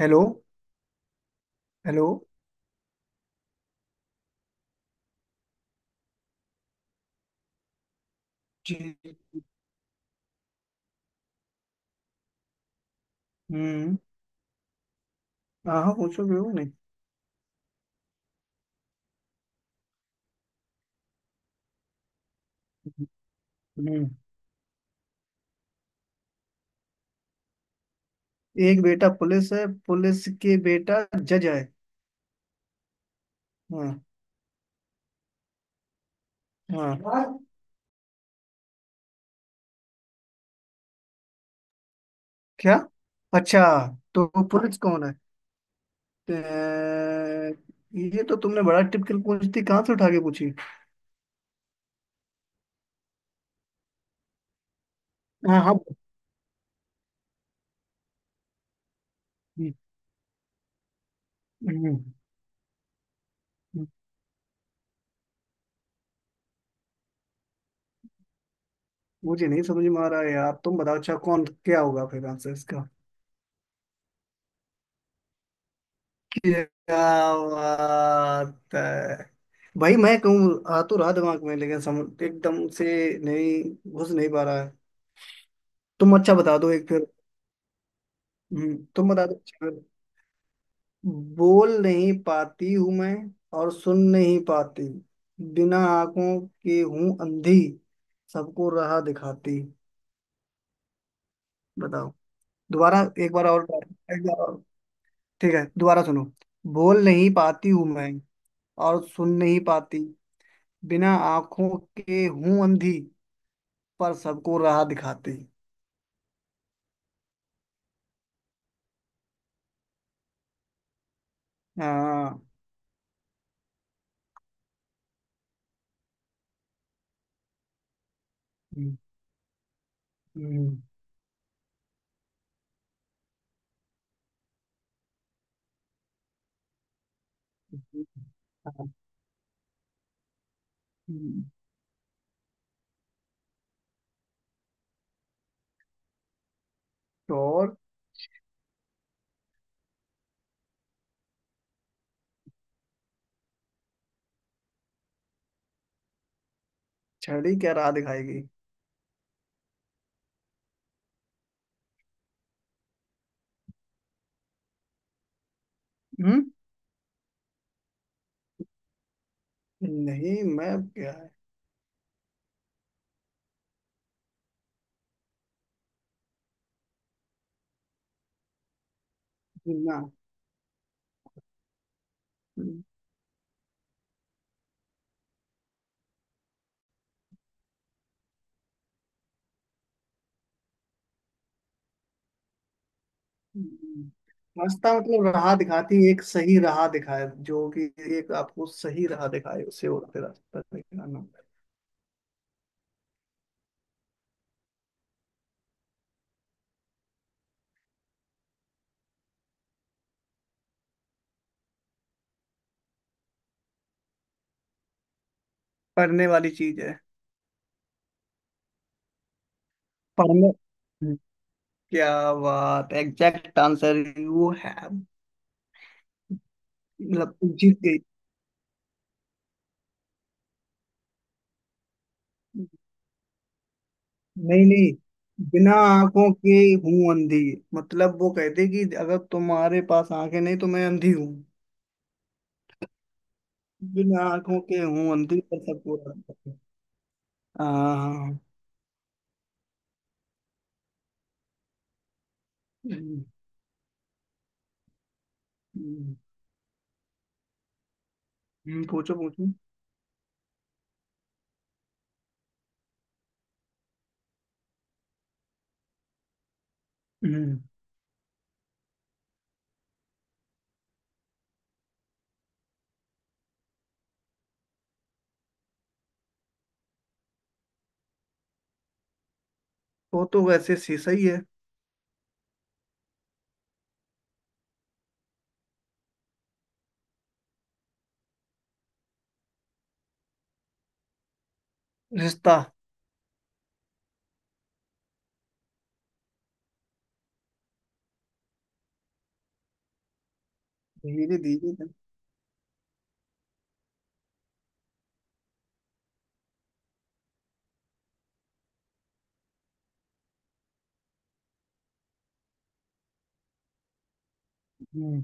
Hello. Hello. जी। हम्म। हाँ हाँ, पूछो क्यों नहीं। हम्म। एक बेटा पुलिस है, पुलिस के बेटा जज है। हाँ हाँ। क्या? अच्छा, तो वो पुलिस कौन है? अ, ये तो तुमने बड़ा टिपिकल पूछ दी, कहाँ से उठा के पूछी? हाँ हाँ। हम्म, हम्म, मुझे नहीं समझ में आ रहा है यार, तुम बताओ अच्छा कौन क्या होगा फिर आंसर इसका। क्या बात है भाई, मैं कहूँ आ तो रहा दिमाग में लेकिन सम, एकदम से नहीं, घुस नहीं पा रहा है। तुम अच्छा बता दो एक फिर। तुम बता दो अच्छा फिर। बोल नहीं पाती हूँ मैं, और सुन नहीं पाती, बिना आंखों के हूँ अंधी, सबको राह दिखाती। बताओ। दोबारा, एक बार और। एक बार और, ठीक है दोबारा सुनो। बोल नहीं पाती हूँ मैं, और सुन नहीं पाती, बिना आंखों के हूं अंधी, पर सबको राह दिखाती। हाँ। हम्म, हम्म, हाँ, हम्म। तो और? छड़ी क्या राह दिखाएगी? हम्म। नहीं, मैं क्या है। बिना। हम्म, हम्म। रास्ता मतलब राह दिखाती है, एक सही राह दिखाए जो कि एक आपको सही राह दिखाए उसे होते रास्ता दिखाना। पढ़ने वाली चीज है। पढ़ने। हम्म। क्या बात, एग्जैक्ट आंसर यू हैव। मतलब जीत गई। नहीं नहीं, बिना आंखों के हूं अंधी, मतलब वो कहते कि अगर तुम्हारे पास आंखें नहीं तो मैं अंधी हूँ। बिना आंखों के हूं अंधी पर सबको रास्ता है। हाँ हाँ, हाँ। हम्म, हम्म, पूछो पूछो। हम्म। वो तो वैसे से सही है। रिश्ता। धीरे धीरे। हम्म,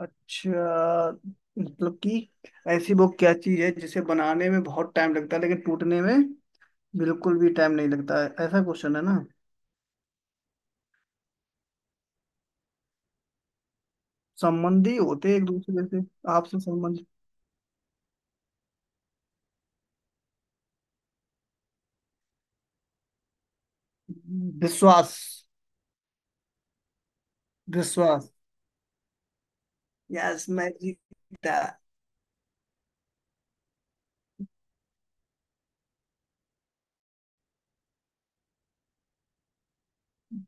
अच्छा। मतलब कि ऐसी वो क्या चीज है जिसे बनाने में बहुत टाइम लगता है लेकिन टूटने में बिल्कुल भी टाइम नहीं लगता है, ऐसा क्वेश्चन है ना? संबंधी होते हैं एक दूसरे से। आपसे संबंध। विश्वास। विश्वास। यस, मैं जीता।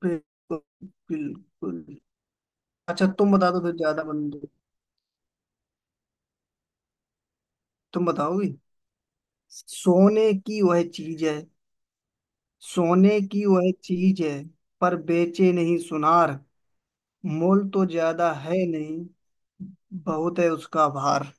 बिल्कुल। बिल्कुल। अच्छा, तुम बता दो फिर ज्यादा बंदे। तुम बताओगी? सोने की वह चीज है, सोने की वह चीज है, पर बेचे नहीं सुनार, मोल तो ज्यादा है नहीं, बहुत है उसका भार।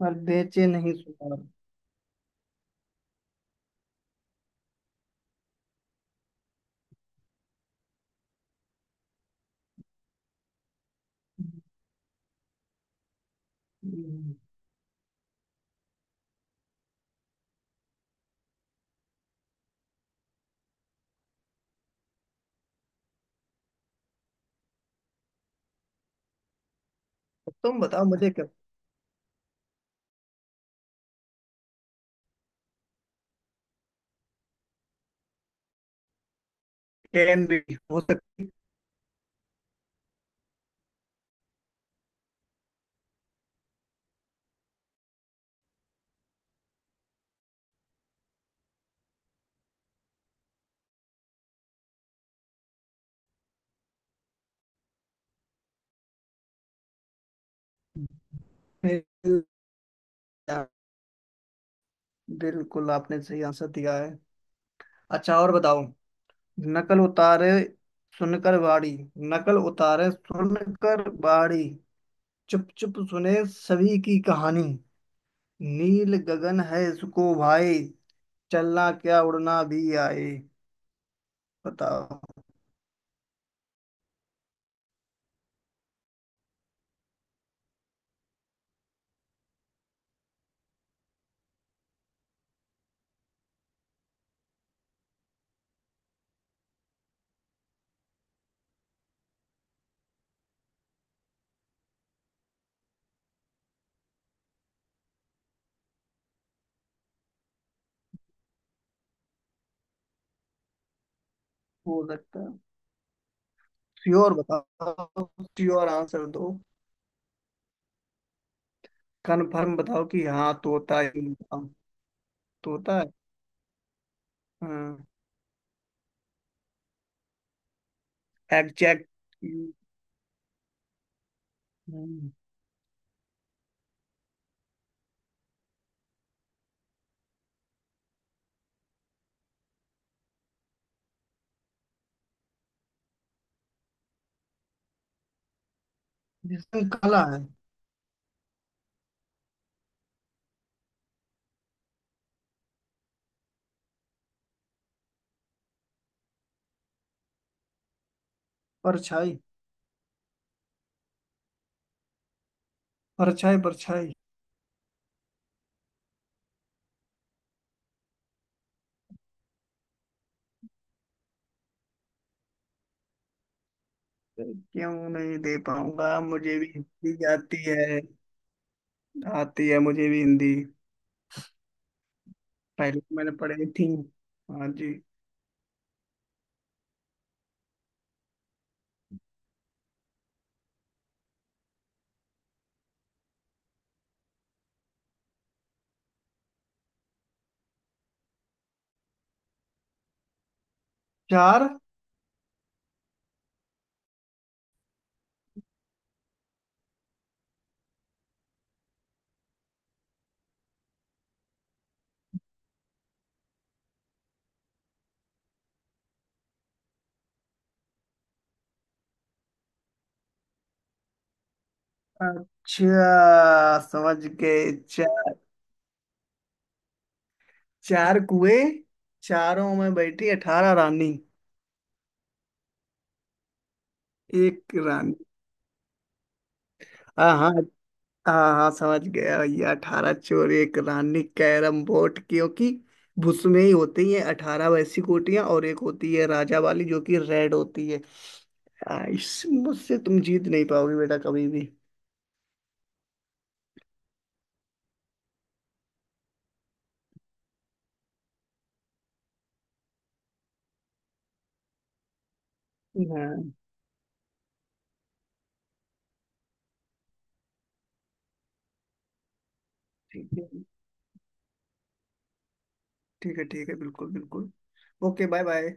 पर बेचे नहीं सुनार। हम्म, तुम बताओ मुझे क्या। कैन भी हो सकती है। यार, बिल्कुल आपने सही आंसर दिया है। अच्छा और बताओ। नकल उतारे सुनकर बाड़ी, नकल उतारे सुनकर बाड़ी, चुप चुप सुने सभी की कहानी, नील गगन है इसको भाई, चलना क्या उड़ना भी आए। बताओ। हो सकता है। श्योर बताओ। श्योर आंसर दो, कंफर्म बताओ कि हाँ तोता है, बताओ, तोता है। हाँ। एग्जैक्ट। जिसमें कला है। परछाई। परछाई। परछाई। क्यों नहीं दे पाऊंगा, मुझे भी हिंदी आती है। आती है मुझे भी हिंदी। पहले तो मैंने पढ़ी थी। हाँ जी। चार। अच्छा समझ गए। चार, चार कुएं, चारों में बैठी 18 रानी, एक रानी। हाँ हाँ। हाँ हाँ, समझ गया भैया, 18 चोर एक रानी, कैरम बोर्ड, क्योंकि उसमें ही होती है 18 वैसी गोटियां और एक होती है राजा वाली जो कि रेड होती है। इस मुझसे तुम जीत नहीं पाओगे बेटा कभी भी। हाँ। ठीक है। ठीक है, ठीक है, बिल्कुल बिल्कुल। Okay, bye bye.